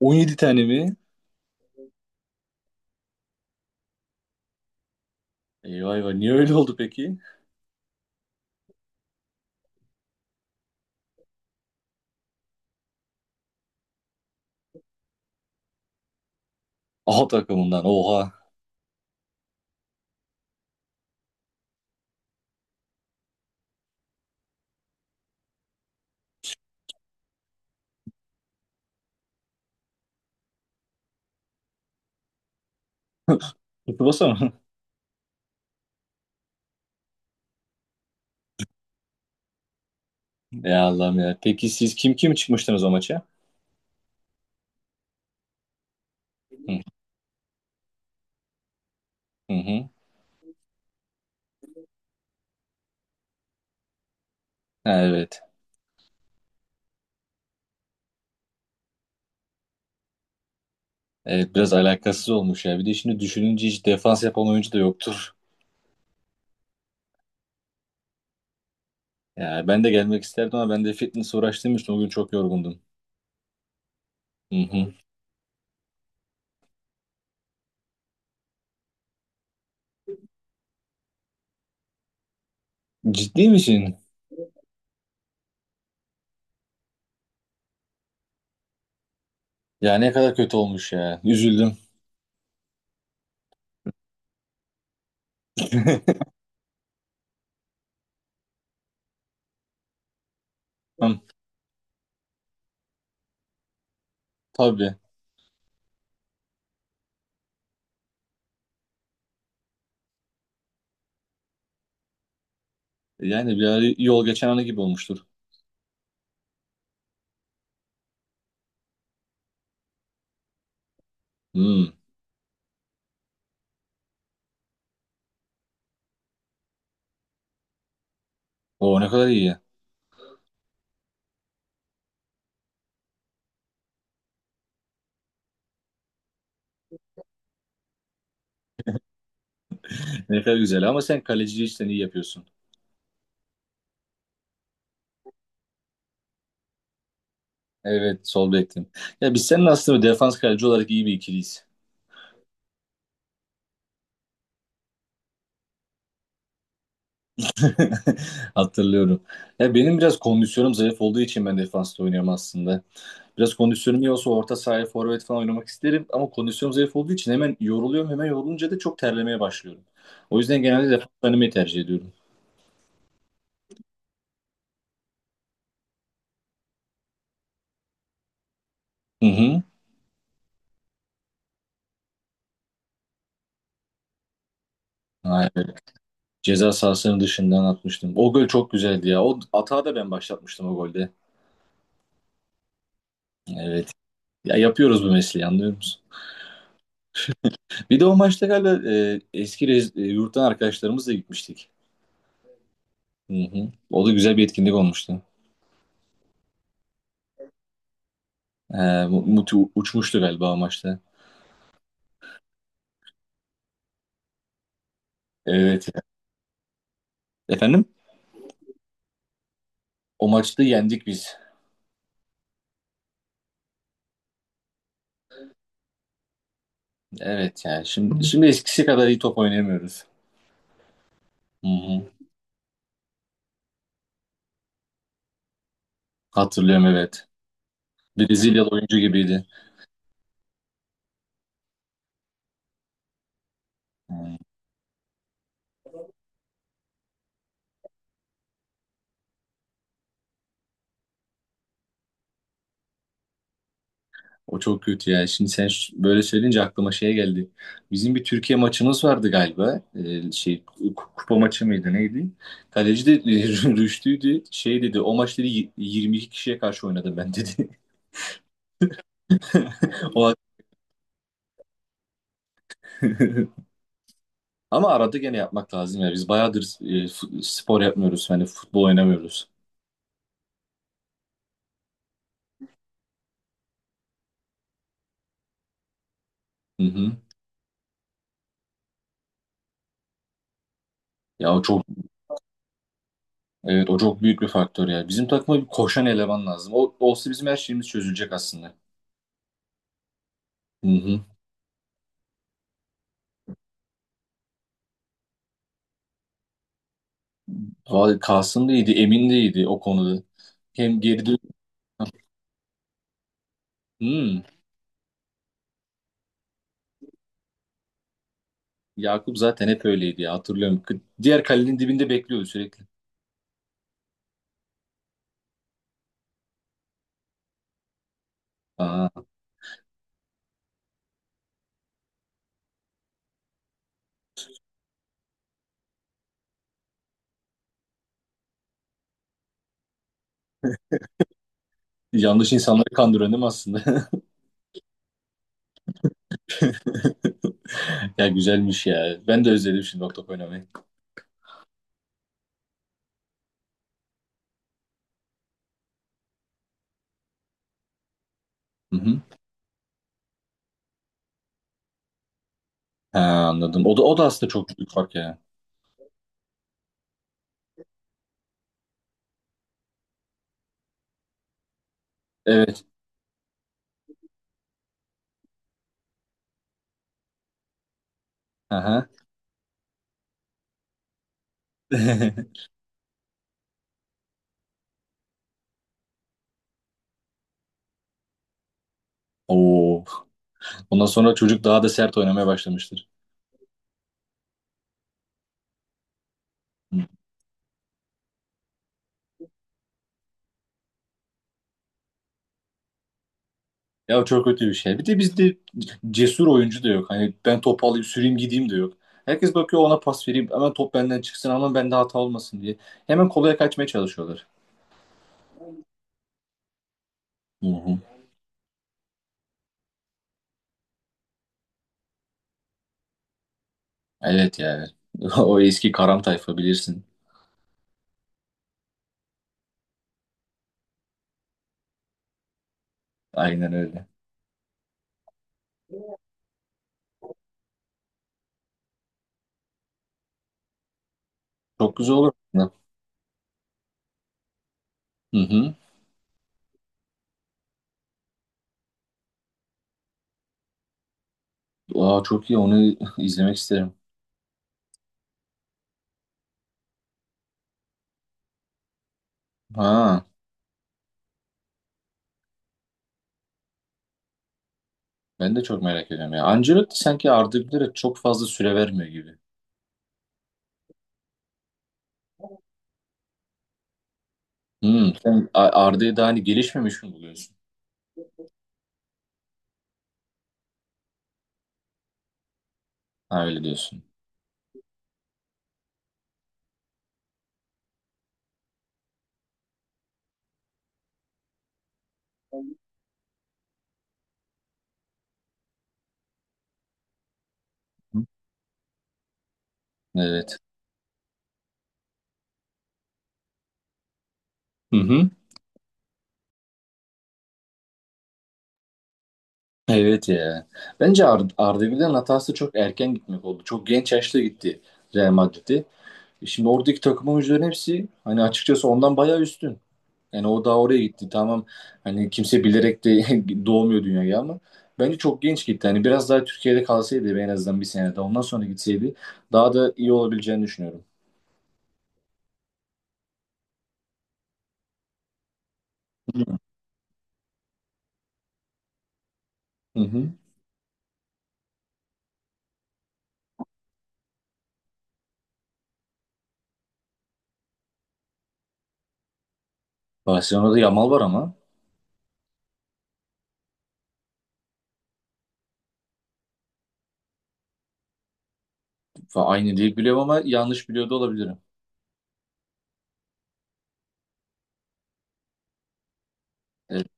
17 tane mi? Eyvah eyvah, niye öyle oldu peki? A takımından, oha. Tsubasa mı? Ya Allah'ım ya. Peki siz kim kim çıkmıştınız o maça? Hı hı. hı. Ha, evet. Evet, biraz alakasız olmuş ya. Bir de şimdi düşününce hiç defans yapan oyuncu da yoktur. Ya ben de gelmek isterdim ama ben de fitness uğraştığım için o gün çok yorgundum. Hı hı. Ciddi misin? Ya ne kadar kötü olmuş ya. Üzüldüm. Hı, tabii. Yani bir ara yol geçen anı gibi olmuştur. Hmm. O ne kadar iyi. Ne kadar güzel ama sen kaleciyi işten iyi yapıyorsun. Evet, sol bektin. Ya biz senin aslında defans kaleci olarak iyi bir ikiliyiz. Hatırlıyorum. Ya benim biraz kondisyonum zayıf olduğu için ben defansta oynuyorum aslında. Biraz kondisyonum iyi olsa orta sahaya forvet falan oynamak isterim ama kondisyonum zayıf olduğu için hemen yoruluyorum. Hemen yorulunca da çok terlemeye başlıyorum. O yüzden genelde defans oynamayı tercih ediyorum. Hı hı. Aynen. Ceza sahasının dışından atmıştım. O gol çok güzeldi ya. O atağı da ben başlatmıştım o golde. Evet. Ya yapıyoruz bu mesleği, anlıyor musun? Bir de o maçta galiba yurttan arkadaşlarımızla gitmiştik. Hı hı. O da güzel bir etkinlik olmuştu. E, Muti uçmuştu galiba o maçta. Evet. Efendim? O maçta yendik biz. Evet yani, şimdi şimdi eskisi kadar iyi top oynayamıyoruz. Hı hı. Hatırlıyorum, evet. Brezilyalı oyuncu gibiydi. O çok kötü yani. Şimdi sen böyle söyleyince aklıma şey geldi. Bizim bir Türkiye maçımız vardı galiba. Şey kupa maçı mıydı neydi? Kaleci de Rüştü'ydü. Şey dedi, o maç dedi, 22 kişiye karşı oynadım ben dedi. O ama arada gene yapmak lazım ya. Biz bayağıdır spor yapmıyoruz. Hani futbol oynamıyoruz. Hı hı. Ya o çok, evet, o çok büyük bir faktör ya. Bizim takıma bir koşan eleman lazım. O olsa bizim her şeyimiz çözülecek aslında. Hı hı. Abi Kasım da iyiydi, Emin de iyiydi o konuda. Hem geri dön. Hmm, Yakup zaten hep öyleydi ya, hatırlıyorum. Diğer kalenin dibinde bekliyordu sürekli. Aa, yanlış insanları kandıran değil mi aslında? Ya güzelmiş ya. Ben de özledim şimdi Octop oynamayı. Hı hı. Ha, anladım. O da, o da aslında çok büyük fark ya. Evet. Aha. Oo. Ondan sonra çocuk daha da sert oynamaya başlamıştır. Ya o çok kötü bir şey. Bir de bizde cesur oyuncu da yok. Hani ben topu alayım, süreyim, gideyim de yok. Herkes bakıyor ona pas vereyim. Hemen top benden çıksın ama bende hata olmasın diye. Hemen kolaya kaçmaya çalışıyorlar. Hı hı. Evet yani. O eski karam tayfa bilirsin. Aynen öyle. Çok güzel olur. aslında. Hı hı. Aa, çok iyi, onu izlemek isterim. Ha, ben de çok merak ediyorum ya. Ancelotti sanki Arda Güler'e çok fazla süre vermiyor gibi. Hı. Sen Arda'yı daha hani gelişmemiş mi buluyorsun? Ha, öyle diyorsun. Hı. Evet. Hı hı. Evet ya. Bence Arda Güler'in hatası çok erken gitmek oldu. Çok genç yaşta gitti Real Madrid'e. E şimdi oradaki takım oyuncuların hepsi hani açıkçası ondan bayağı üstün. Yani o daha oraya gitti. Tamam, hani kimse bilerek de doğmuyor dünyaya ama bence çok genç gitti. Hani biraz daha Türkiye'de kalsaydı, en azından bir sene daha ondan sonra gitseydi daha da iyi olabileceğini düşünüyorum. Hı hı. Barcelona'da Yamal var ama aynı değil biliyorum ama yanlış biliyor da olabilirim. Evet,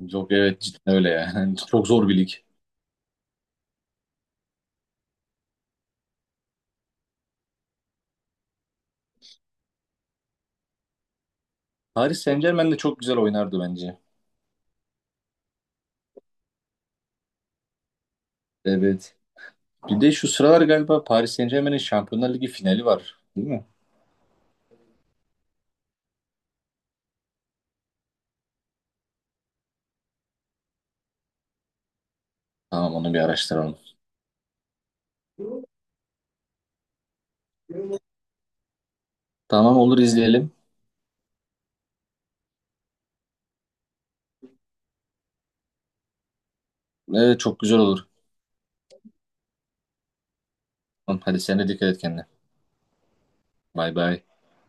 yok evet, cidden öyle yani. Çok zor bir lig. Paris Saint-Germain de çok güzel oynardı bence. Evet. Bir de şu sıralar galiba Paris Saint-Germain'in Şampiyonlar Ligi finali var. Değil mi? Tamam, onu bir araştıralım. Tamam, olur izleyelim. Evet çok güzel olur. Tamam, hadi sen de dikkat et kendine. Bay bay.